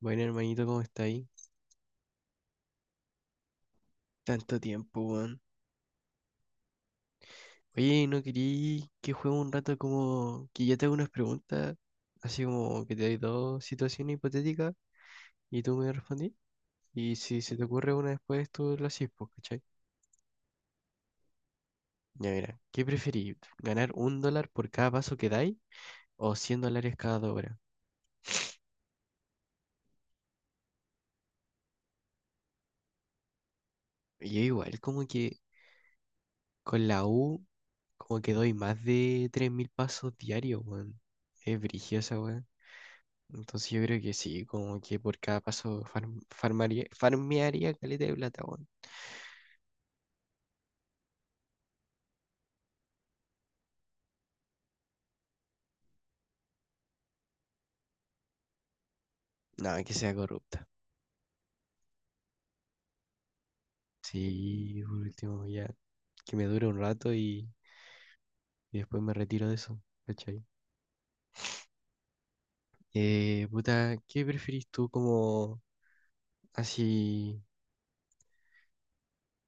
Bueno, hermanito, ¿cómo está ahí? Tanto tiempo, weón. Oye, ¿no querí que juegue un rato como que yo te hago unas preguntas? Así como que te doy dos situaciones hipotéticas y tú me respondís. Y si se te ocurre una después, tú la haces, pues, ¿cachai? Ya mira, ¿qué preferís? ¿Ganar un dólar por cada paso que dais o $100 cada 2 horas? Y yo igual, como que con la U, como que doy más de 3.000 pasos diarios, weón. Es brigiosa, weón. Entonces yo creo que sí, como que por cada paso farmearía caleta de plata, weón. No, que sea corrupta. Sí, por último, ya. Que me dure un rato y después me retiro de eso, ¿cachai? Puta, ¿qué preferís tú como así?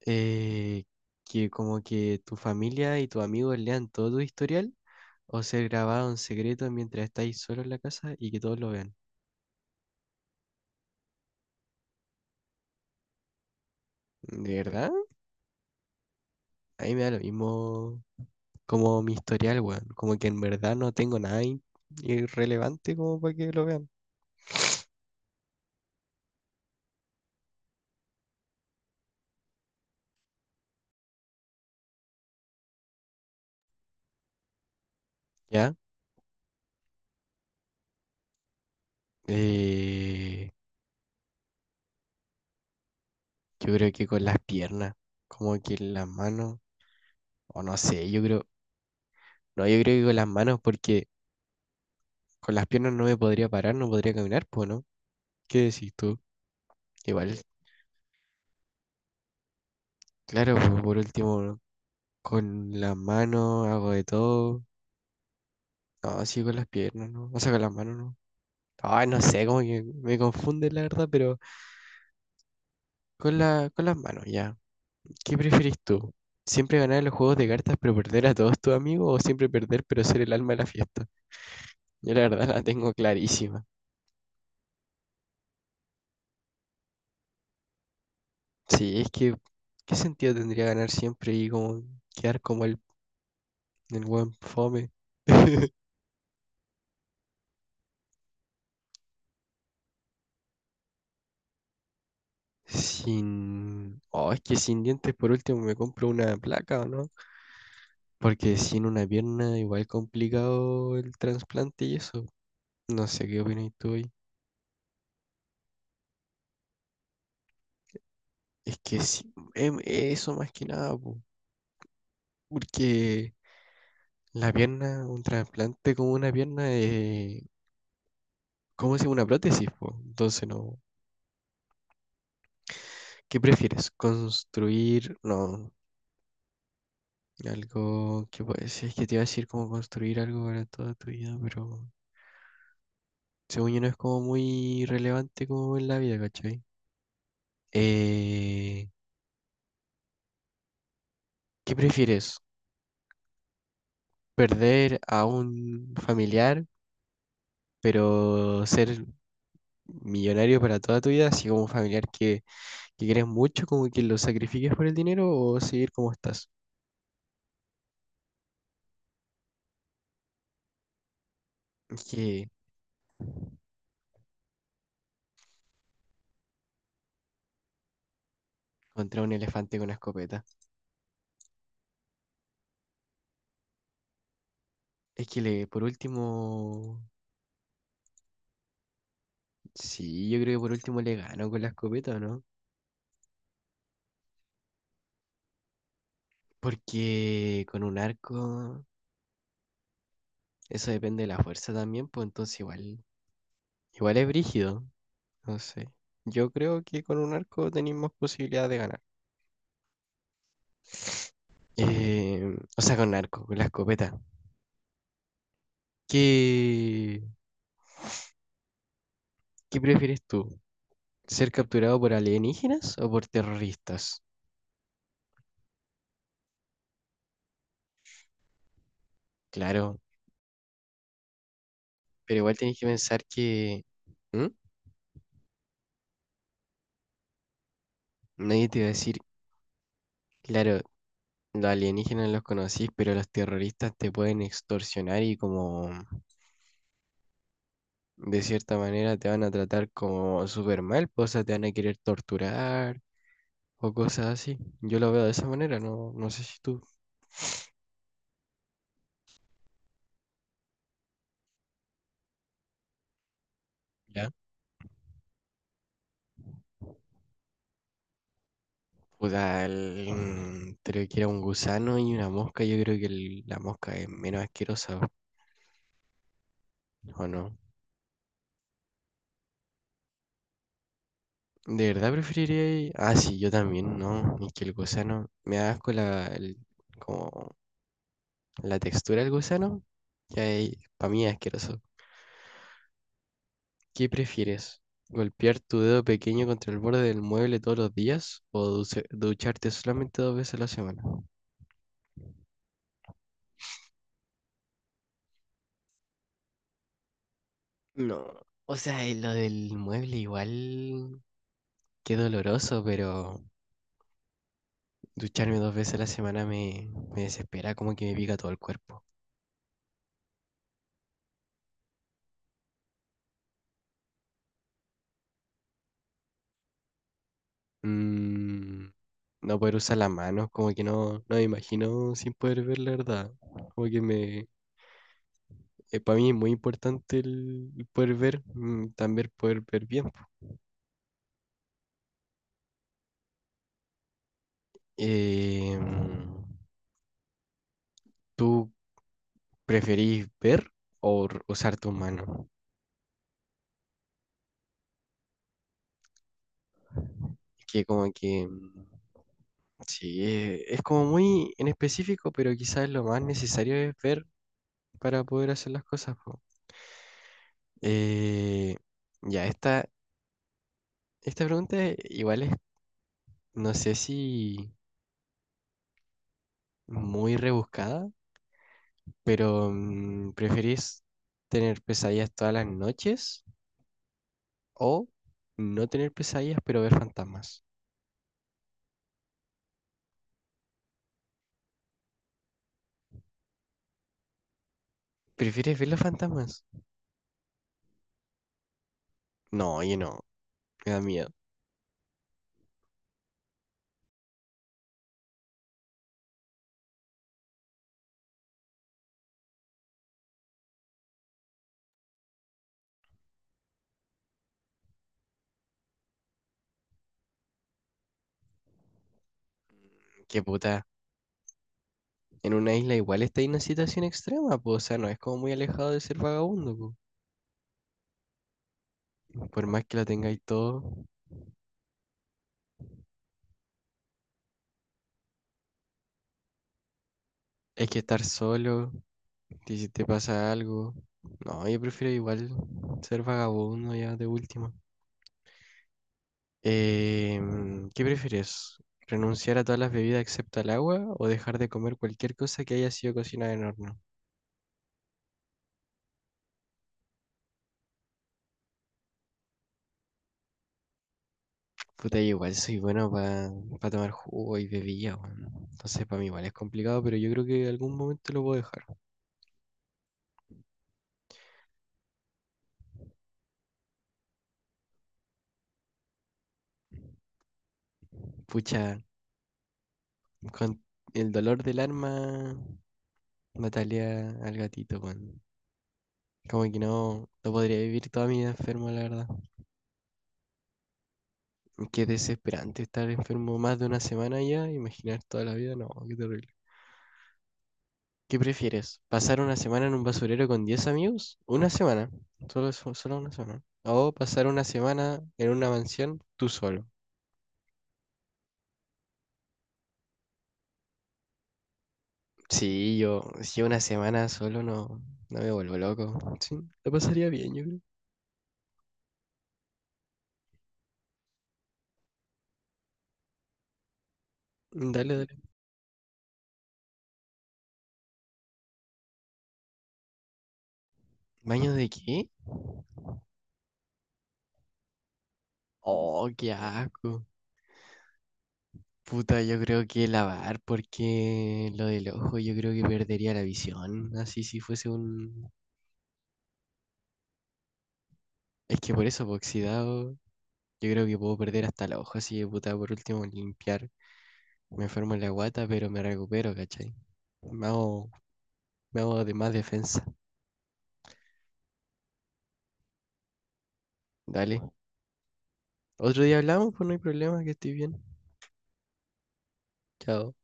eh, que como que tu familia y tus amigos lean todo tu historial o ser grabado en secreto mientras estáis solo en la casa y que todos lo vean. ¿De verdad? A mí me da lo mismo como mi historial, weón. Como que en verdad no tengo nada irrelevante como para que lo vean. ¿Ya? Eh, yo creo que con las piernas, como que las manos, o no sé, yo creo, no, yo creo que con las manos porque con las piernas no me podría parar, no podría caminar, pues, ¿no? ¿Qué decís tú? Igual, claro, pues, por último, ¿no? Con las manos hago de todo. No, sí, con las piernas, ¿no? O sea, con las manos, ¿no? Ay, no sé, como que me confunde la verdad, pero con las manos, ya. ¿Qué prefieres tú? ¿Siempre ganar en los juegos de cartas pero perder a todos tus amigos o siempre perder pero ser el alma de la fiesta? Yo la verdad la tengo clarísima. Sí, es que ¿qué sentido tendría ganar siempre y como quedar como el buen fome? Sin... Oh, es que sin dientes por último me compro una placa, ¿o no? Porque sin una pierna igual complicado el trasplante y eso. No sé qué opinas tú ahí. Es que sí, eso más que nada, po. Porque la pierna, un trasplante como una pierna, ¿cómo se llama? Una prótesis, po. Entonces, no. ¿Qué prefieres? ¿Construir? No, algo que puede ser. Es que te iba a decir como construir algo para toda tu vida, pero según yo no es como muy relevante como en la vida, ¿cachai? Eh, ¿Qué prefieres? ¿Perder a un familiar, pero ser millonario para toda tu vida? Así como un familiar que quieres mucho, como que lo sacrifiques por el dinero, o seguir como estás. Que contra un elefante con una escopeta. Es que le, por último, sí, yo creo que por último le gano con la escopeta, ¿o no? Porque con un arco, eso depende de la fuerza también, pues entonces igual, es brígido, no sé. Yo creo que con un arco tenéis más posibilidad de ganar. O sea, con un arco, con la escopeta. ¿Qué, qué prefieres tú? ¿Ser capturado por alienígenas o por terroristas? Claro, pero igual tenéis que pensar que... ¿Mm? Nadie te va a decir, claro, los alienígenas los conocís, pero los terroristas te pueden extorsionar y como de cierta manera te van a tratar como súper mal, pues, o sea, te van a querer torturar o cosas así. Yo lo veo de esa manera, no, no sé si tú. ¿Ya? Puta, creo que era un gusano y una mosca. Yo creo que la mosca es menos asquerosa, ¿o no? ¿De verdad preferiría? Ah, sí, yo también, ¿no? Es que el gusano me da asco como la textura del gusano, que para mí es asqueroso. ¿Qué prefieres? ¿Golpear tu dedo pequeño contra el borde del mueble todos los días o ducharte solamente dos veces a la semana? No, o sea, lo del mueble igual, qué doloroso, pero ducharme dos veces a la semana me desespera, como que me pica todo el cuerpo. Mm, no poder usar las manos, como que no me imagino sin poder ver la verdad, como que para mí es muy importante el poder ver, también poder ver bien, po. Eh, mm, ¿Tú preferís ver o usar tu mano? Es que como que, sí, es como muy en específico, pero quizás lo más necesario es ver para poder hacer las cosas, po. Eh, ya, esta pregunta igual es, no sé si muy rebuscada, pero ¿preferís tener pesadillas todas las noches? O no tener pesadillas, pero ver fantasmas. ¿Prefieres ver los fantasmas? No, oye, no. Me da miedo. Qué puta. En una isla igual está en una situación extrema, pues. O sea, no es como muy alejado de ser vagabundo, po. Por más que lo tengáis todo, hay que estar solo. Y si te pasa algo. No, yo prefiero igual ser vagabundo ya de última. Eh, ¿Qué prefieres? ¿Renunciar a todas las bebidas excepto al agua o dejar de comer cualquier cosa que haya sido cocinada en horno? Puta, yo igual soy bueno para tomar jugo y bebida, weón. Entonces, para mí igual es complicado, pero yo creo que en algún momento lo puedo dejar. Pucha, con el dolor del arma, mataría al gatito, weón. Como que no, no podría vivir toda mi vida enfermo, la verdad. Qué desesperante estar enfermo más de una semana ya, imaginar toda la vida, no, qué terrible. ¿Qué prefieres? ¿Pasar una semana en un basurero con 10 amigos? Una semana, solo, solo una semana. O pasar una semana en una mansión tú solo. Sí, yo, si una semana solo no, me vuelvo loco. Sí, lo pasaría bien, yo creo. Dale, dale. ¿Baño de qué? Oh, qué asco. Puta, yo creo que lavar, porque lo del ojo yo creo que perdería la visión. Así si fuese un... Es que por eso, po, oxidado, yo creo que puedo perder hasta el ojo, así que puta, por último limpiar. Me enfermo en la guata, pero me recupero, ¿cachai? Me hago, me hago de más defensa. Dale. Otro día hablamos, pues no hay problema, que estoy bien. Chao.